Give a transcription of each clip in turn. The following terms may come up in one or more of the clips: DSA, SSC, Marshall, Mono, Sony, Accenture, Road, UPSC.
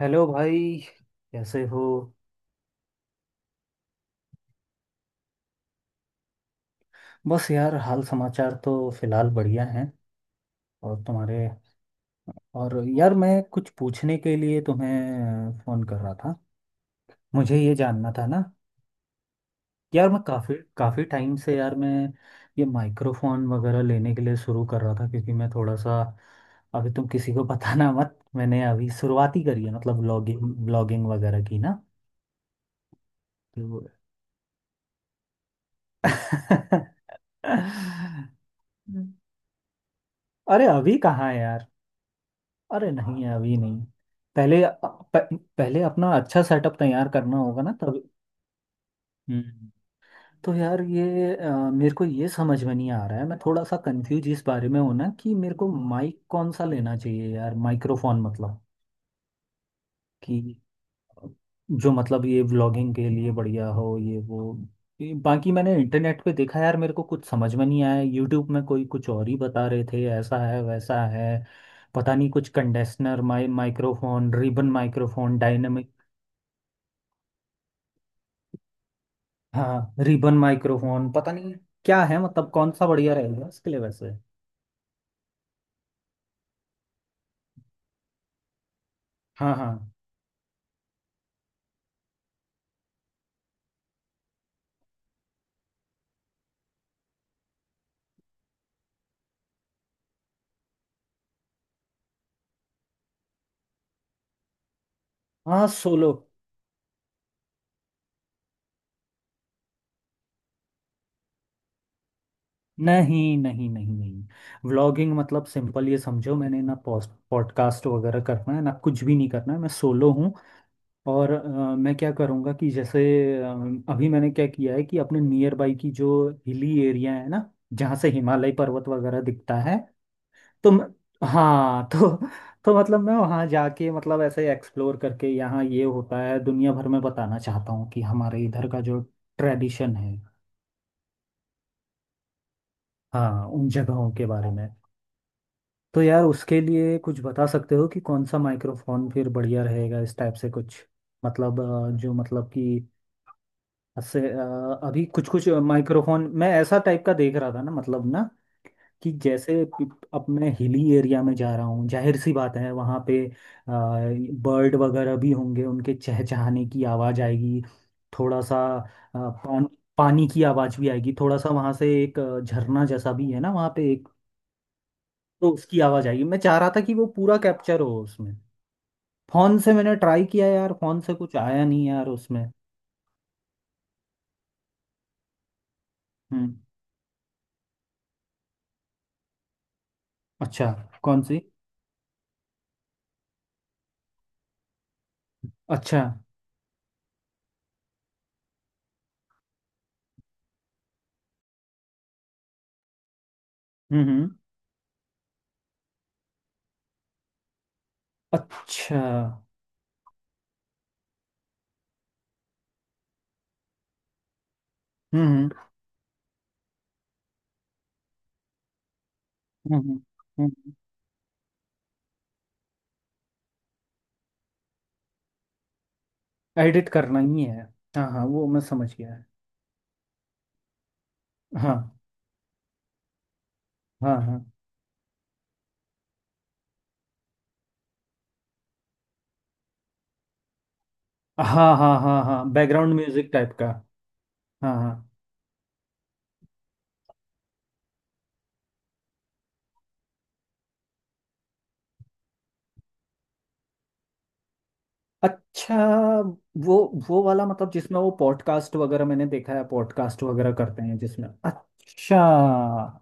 Hello भाई। कैसे हो? बस यार, हाल समाचार तो फिलहाल बढ़िया हैं। और तुम्हारे? और यार, मैं कुछ पूछने के लिए तुम्हें फ़ोन कर रहा था। मुझे ये जानना था ना, यार मैं काफ़ी काफ़ी टाइम से यार मैं ये माइक्रोफोन वगैरह लेने के लिए शुरू कर रहा था क्योंकि मैं थोड़ा सा अभी। तुम किसी को बताना मत, मैंने अभी शुरुआत ही करी है मतलब ब्लॉगिंग ब्लॉगिंग वगैरह की ना। तो- अरे अभी कहाँ है यार। अरे नहीं, अभी नहीं। पहले प, पहले अपना अच्छा सेटअप तैयार करना होगा ना, तब। हम्म। तो यार, ये मेरे को ये समझ में नहीं आ रहा है, मैं थोड़ा सा कंफ्यूज इस बारे में हूं ना, कि मेरे को माइक कौन सा लेना चाहिए यार, माइक्रोफोन मतलब कि जो मतलब ये व्लॉगिंग के लिए बढ़िया हो, ये वो ये बाकी मैंने इंटरनेट पे देखा यार, मेरे को कुछ समझ में नहीं आया। यूट्यूब में कोई कुछ और ही बता रहे थे, ऐसा है वैसा है पता नहीं। कुछ condenser microphone, ribbon microphone, dynamic. हाँ, रिबन माइक्रोफोन पता नहीं क्या है मतलब, कौन सा बढ़िया रहेगा इसके लिए वैसे। हाँ हाँ हाँ, सोलो। नहीं नहीं नहीं नहीं, व्लॉगिंग मतलब सिंपल ये समझो, मैंने ना पॉस्ट पॉडकास्ट वगैरह करना है ना, कुछ भी नहीं करना है, मैं सोलो हूँ। और मैं क्या करूँगा कि जैसे अ, अभी मैंने क्या किया है कि अपने नियर बाई की जो हिली एरिया है ना, जहाँ से हिमालय पर्वत वगैरह दिखता है। तो म- हाँ तो मतलब मैं वहाँ जाके मतलब ऐसे एक्सप्लोर करके यहाँ ये होता है दुनिया भर में बताना चाहता हूँ, कि हमारे इधर का जो ट्रेडिशन है। हाँ, उन जगहों के बारे में। तो यार उसके लिए कुछ बता सकते हो कि कौन सा माइक्रोफोन फिर बढ़िया रहेगा, इस टाइप से कुछ। मतलब जो मतलब कि अभी कुछ कुछ माइक्रोफोन मैं ऐसा टाइप का देख रहा था ना मतलब ना, कि जैसे अब मैं हिली एरिया में जा रहा हूँ, जाहिर सी बात है वहाँ पे बर्ड वगैरह भी होंगे, उनके चहचहाने की आवाज़ आएगी। थोड़ा सा पान, पानी की आवाज़ भी आएगी, थोड़ा सा वहाँ से एक झरना जैसा भी है ना वहाँ पे एक, तो उसकी आवाज़ आएगी। मैं चाह रहा था कि वो पूरा कैप्चर हो उसमें। फोन से मैंने ट्राई किया यार, फोन से कुछ आया नहीं यार उसमें। हम्म अच्छा, कौन सी? अच्छा। हम्म हम्म अच्छा। हम्म हम्म हम्म हम्म एडिट करना ही है। हाँ हाँ, वो मैं समझ गया है। हाँ हाँ हाँ हाँ हाँ हाँ हाँ, बैकग्राउंड म्यूजिक टाइप का। हाँ हाँ। अच्छा, वो वो वाला मतलब जिसमें वो पॉडकास्ट वगैरह मैंने देखा है, पॉडकास्ट वगैरह करते हैं जिसमें। अच्छा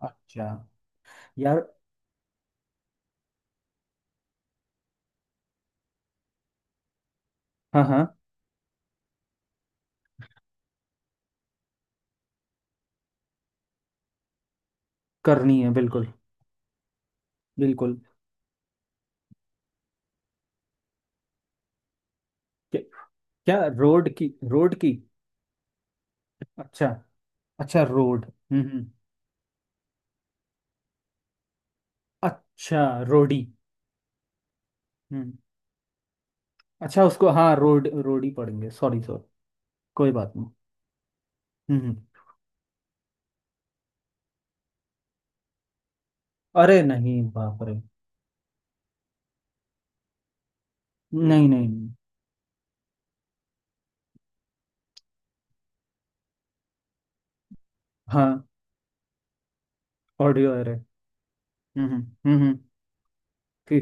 अच्छा। यार हाँ हाँ, करनी है बिल्कुल। बिल्कुल। क्या, क्या रोड की? रोड की? अच्छा। अच्छा रोड। हम्म हम्म, अच्छा रोडी? अच्छा उसको, हाँ रोड रोडी पढ़ेंगे, सॉरी सॉरी। कोई बात नहीं। हम्म हम्म। अरे नहीं, बाप रे। नहीं नहीं नहीं। हाँ। ऑडियो अरे। हम्म हम्म हम्म हम्म, फि,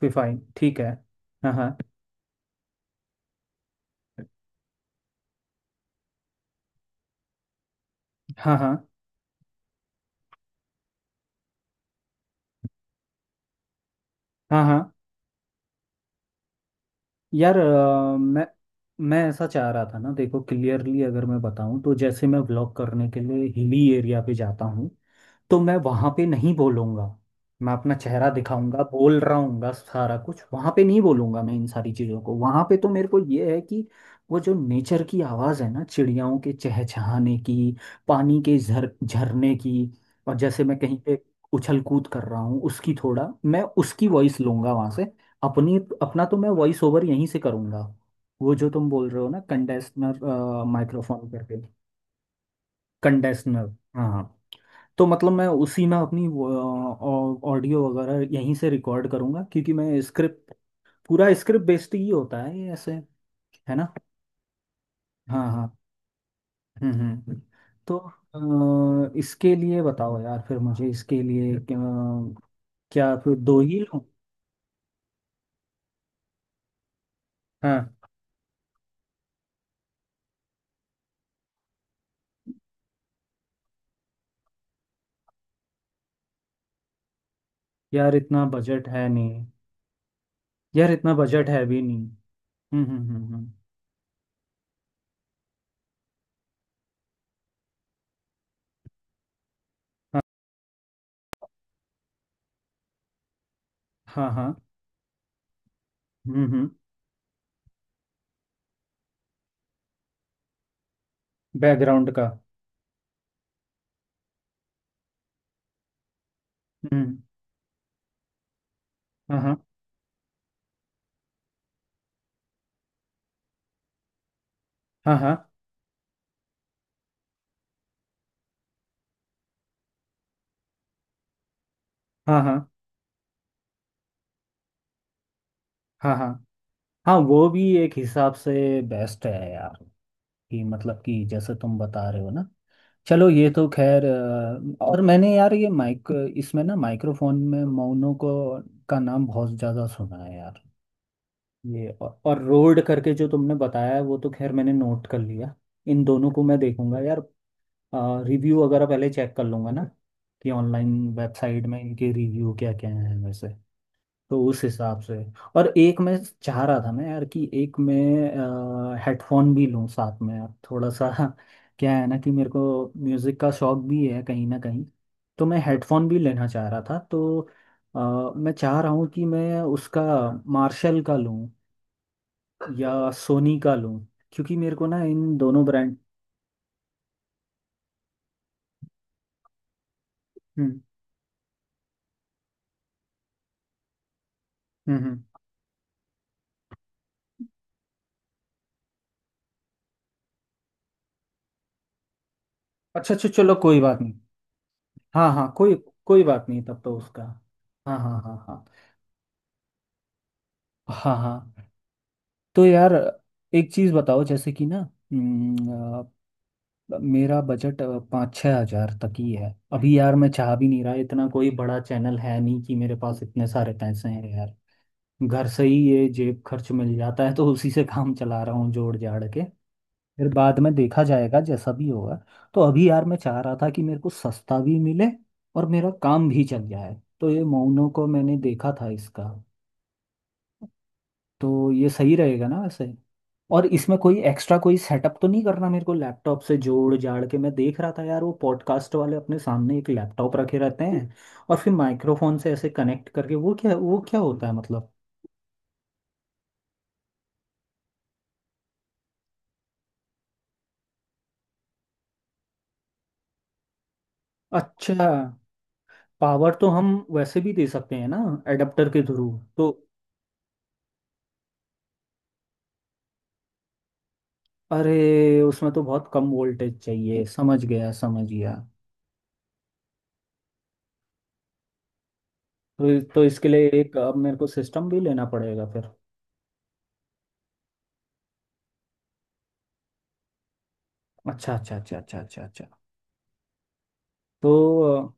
फिफाइन ठीक है। हाँ हाँ हाँ हाँ हाँ हाँ। यार मैं ऐसा चाह रहा था ना, देखो क्लियरली अगर मैं बताऊं तो, जैसे मैं व्लॉग करने के लिए हिली एरिया पे जाता हूँ तो मैं वहां पे नहीं बोलूंगा, मैं अपना चेहरा दिखाऊंगा बोल रहा हूँ सारा कुछ, वहां पे नहीं बोलूंगा मैं इन सारी चीजों को। वहां पे तो मेरे को ये है कि वो जो नेचर की आवाज है ना, चिड़ियाओं के चहचहाने की, पानी के झर झरने की, और जैसे मैं कहीं पे उछल कूद कर रहा हूँ उसकी, थोड़ा मैं उसकी वॉइस लूंगा वहां से। अपनी अपना तो मैं वॉइस ओवर यहीं से करूंगा, वो जो तुम बोल रहे हो ना, कंडेंसर माइक्रोफोन करके। कंडेंसर। हाँ हाँ। तो मतलब मैं उसी में अपनी ऑडियो वगैरह यहीं से रिकॉर्ड करूंगा, क्योंकि मैं स्क्रिप्ट पूरा स्क्रिप्ट बेस्ड ही होता है ये ऐसे, है ना। हाँ हाँ। हम्म हम्म हम्म। तो इसके लिए बताओ यार, फिर मुझे इसके लिए क्या फिर दो ही लूँ? हाँ, यार इतना बजट है नहीं। यार इतना बजट है भी नहीं। हम्म हम्म हम्म हम्म, हाँ हाँ हाँ। हम्म, बैकग्राउंड का। हम्म। हाँ हाँ हाँ हाँ हाँ हाँ। हाँ हाँ। हाँ वो भी एक हिसाब से बेस्ट है यार, कि मतलब कि जैसे तुम बता रहे हो ना, चलो ये तो खैर। और मैंने यार ये माइक, इसमें ना माइक्रोफोन में मौनों को का नाम बहुत ज़्यादा सुना है यार, ये और रोड करके जो तुमने बताया है वो तो खैर मैंने नोट कर लिया। इन दोनों को मैं देखूंगा यार, रिव्यू वगैरह पहले चेक कर लूंगा ना, कि ऑनलाइन वेबसाइट में इनके रिव्यू क्या क्या हैं वैसे, तो उस हिसाब से। और एक मैं चाह रहा था मैं यार, कि एक मैं हेडफोन भी लूं साथ में यार, थोड़ा सा क्या है ना कि मेरे को म्यूज़िक का शौक भी है कहीं ना कहीं, तो मैं हेडफोन भी लेना चाह रहा था। तो मैं चाह रहा हूँ कि मैं उसका मार्शल का लूं या सोनी का लूं, क्योंकि मेरे को ना इन दोनों ब्रांड। हम्म हम्म हम्म। अच्छा अच्छा, चलो कोई बात नहीं। हाँ हाँ, कोई कोई बात नहीं, तब तो उसका। हाँ हाँ हाँ हाँ। हाँ हाँ। तो यार एक चीज़ बताओ जैसे कि ना, हम्म, मेरा बजट 5-6 हज़ार तक ही है अभी यार, मैं चाह भी नहीं रहा, इतना कोई बड़ा चैनल है नहीं कि मेरे पास इतने सारे पैसे हैं यार। घर से ही ये जेब खर्च मिल जाता है, तो उसी से काम चला रहा हूँ जोड़ जाड़ के। फिर बाद में देखा जाएगा जैसा भी होगा। तो अभी यार मैं चाह रहा था कि मेरे को सस्ता भी मिले और मेरा काम भी चल जाए। तो ये मोनो को मैंने देखा था इसका, तो ये सही रहेगा ना वैसे? और इसमें कोई एक्स्ट्रा कोई सेटअप तो नहीं करना मेरे को? लैपटॉप से जोड़ जाड़ के मैं देख रहा था यार, वो पॉडकास्ट वाले अपने सामने एक लैपटॉप रखे रहते हैं और फिर माइक्रोफोन से ऐसे कनेक्ट करके, वो क्या, वो क्या होता है मतलब? अच्छा। पावर तो हम वैसे भी दे सकते हैं ना, एडाप्टर के थ्रू। तो अरे उसमें तो बहुत कम वोल्टेज चाहिए, समझ गया समझ गया। तो इसके लिए एक अब मेरे को सिस्टम भी लेना पड़ेगा फिर? अच्छा अच्छा अच्छा अच्छा अच्छा अच्छा। तो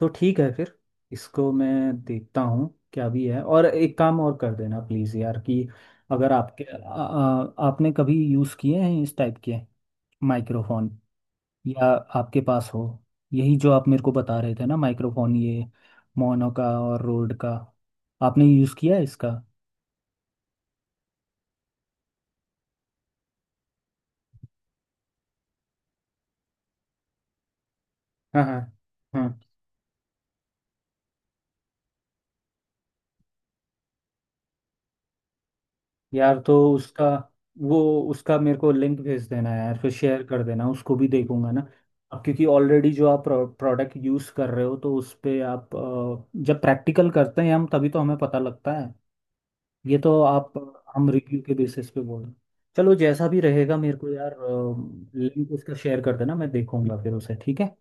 तो ठीक है फिर, इसको मैं देखता हूँ क्या भी है। और एक काम और कर देना प्लीज़ यार, कि अगर आपने कभी यूज़ किए हैं इस टाइप के माइक्रोफोन, या आपके पास हो, यही जो आप मेरे को बता रहे थे ना माइक्रोफोन, ये मोनो का और रोड का, आपने यूज़ किया है इसका? हाँ हाँ हाँ। यार तो उसका, वो उसका मेरे को लिंक भेज देना यार, फिर शेयर कर देना, उसको भी देखूंगा ना। अब क्योंकि ऑलरेडी जो आप प्रोडक्ट यूज़ कर रहे हो, तो उस पे आप जब प्रैक्टिकल करते हैं हम तभी तो हमें पता लगता है, ये तो आप, हम रिव्यू के बेसिस पे बोल रहे हैं। चलो जैसा भी रहेगा मेरे को यार, लिंक उसका शेयर कर देना, मैं देखूंगा फिर उसे, ठीक है।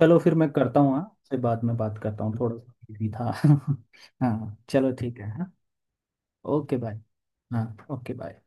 चलो फिर मैं करता हूँ, हाँ उससे बाद में बात करता हूँ, थोड़ा सा busy था। हाँ चलो ठीक है, हाँ ओके बाय। हाँ ओके बाय।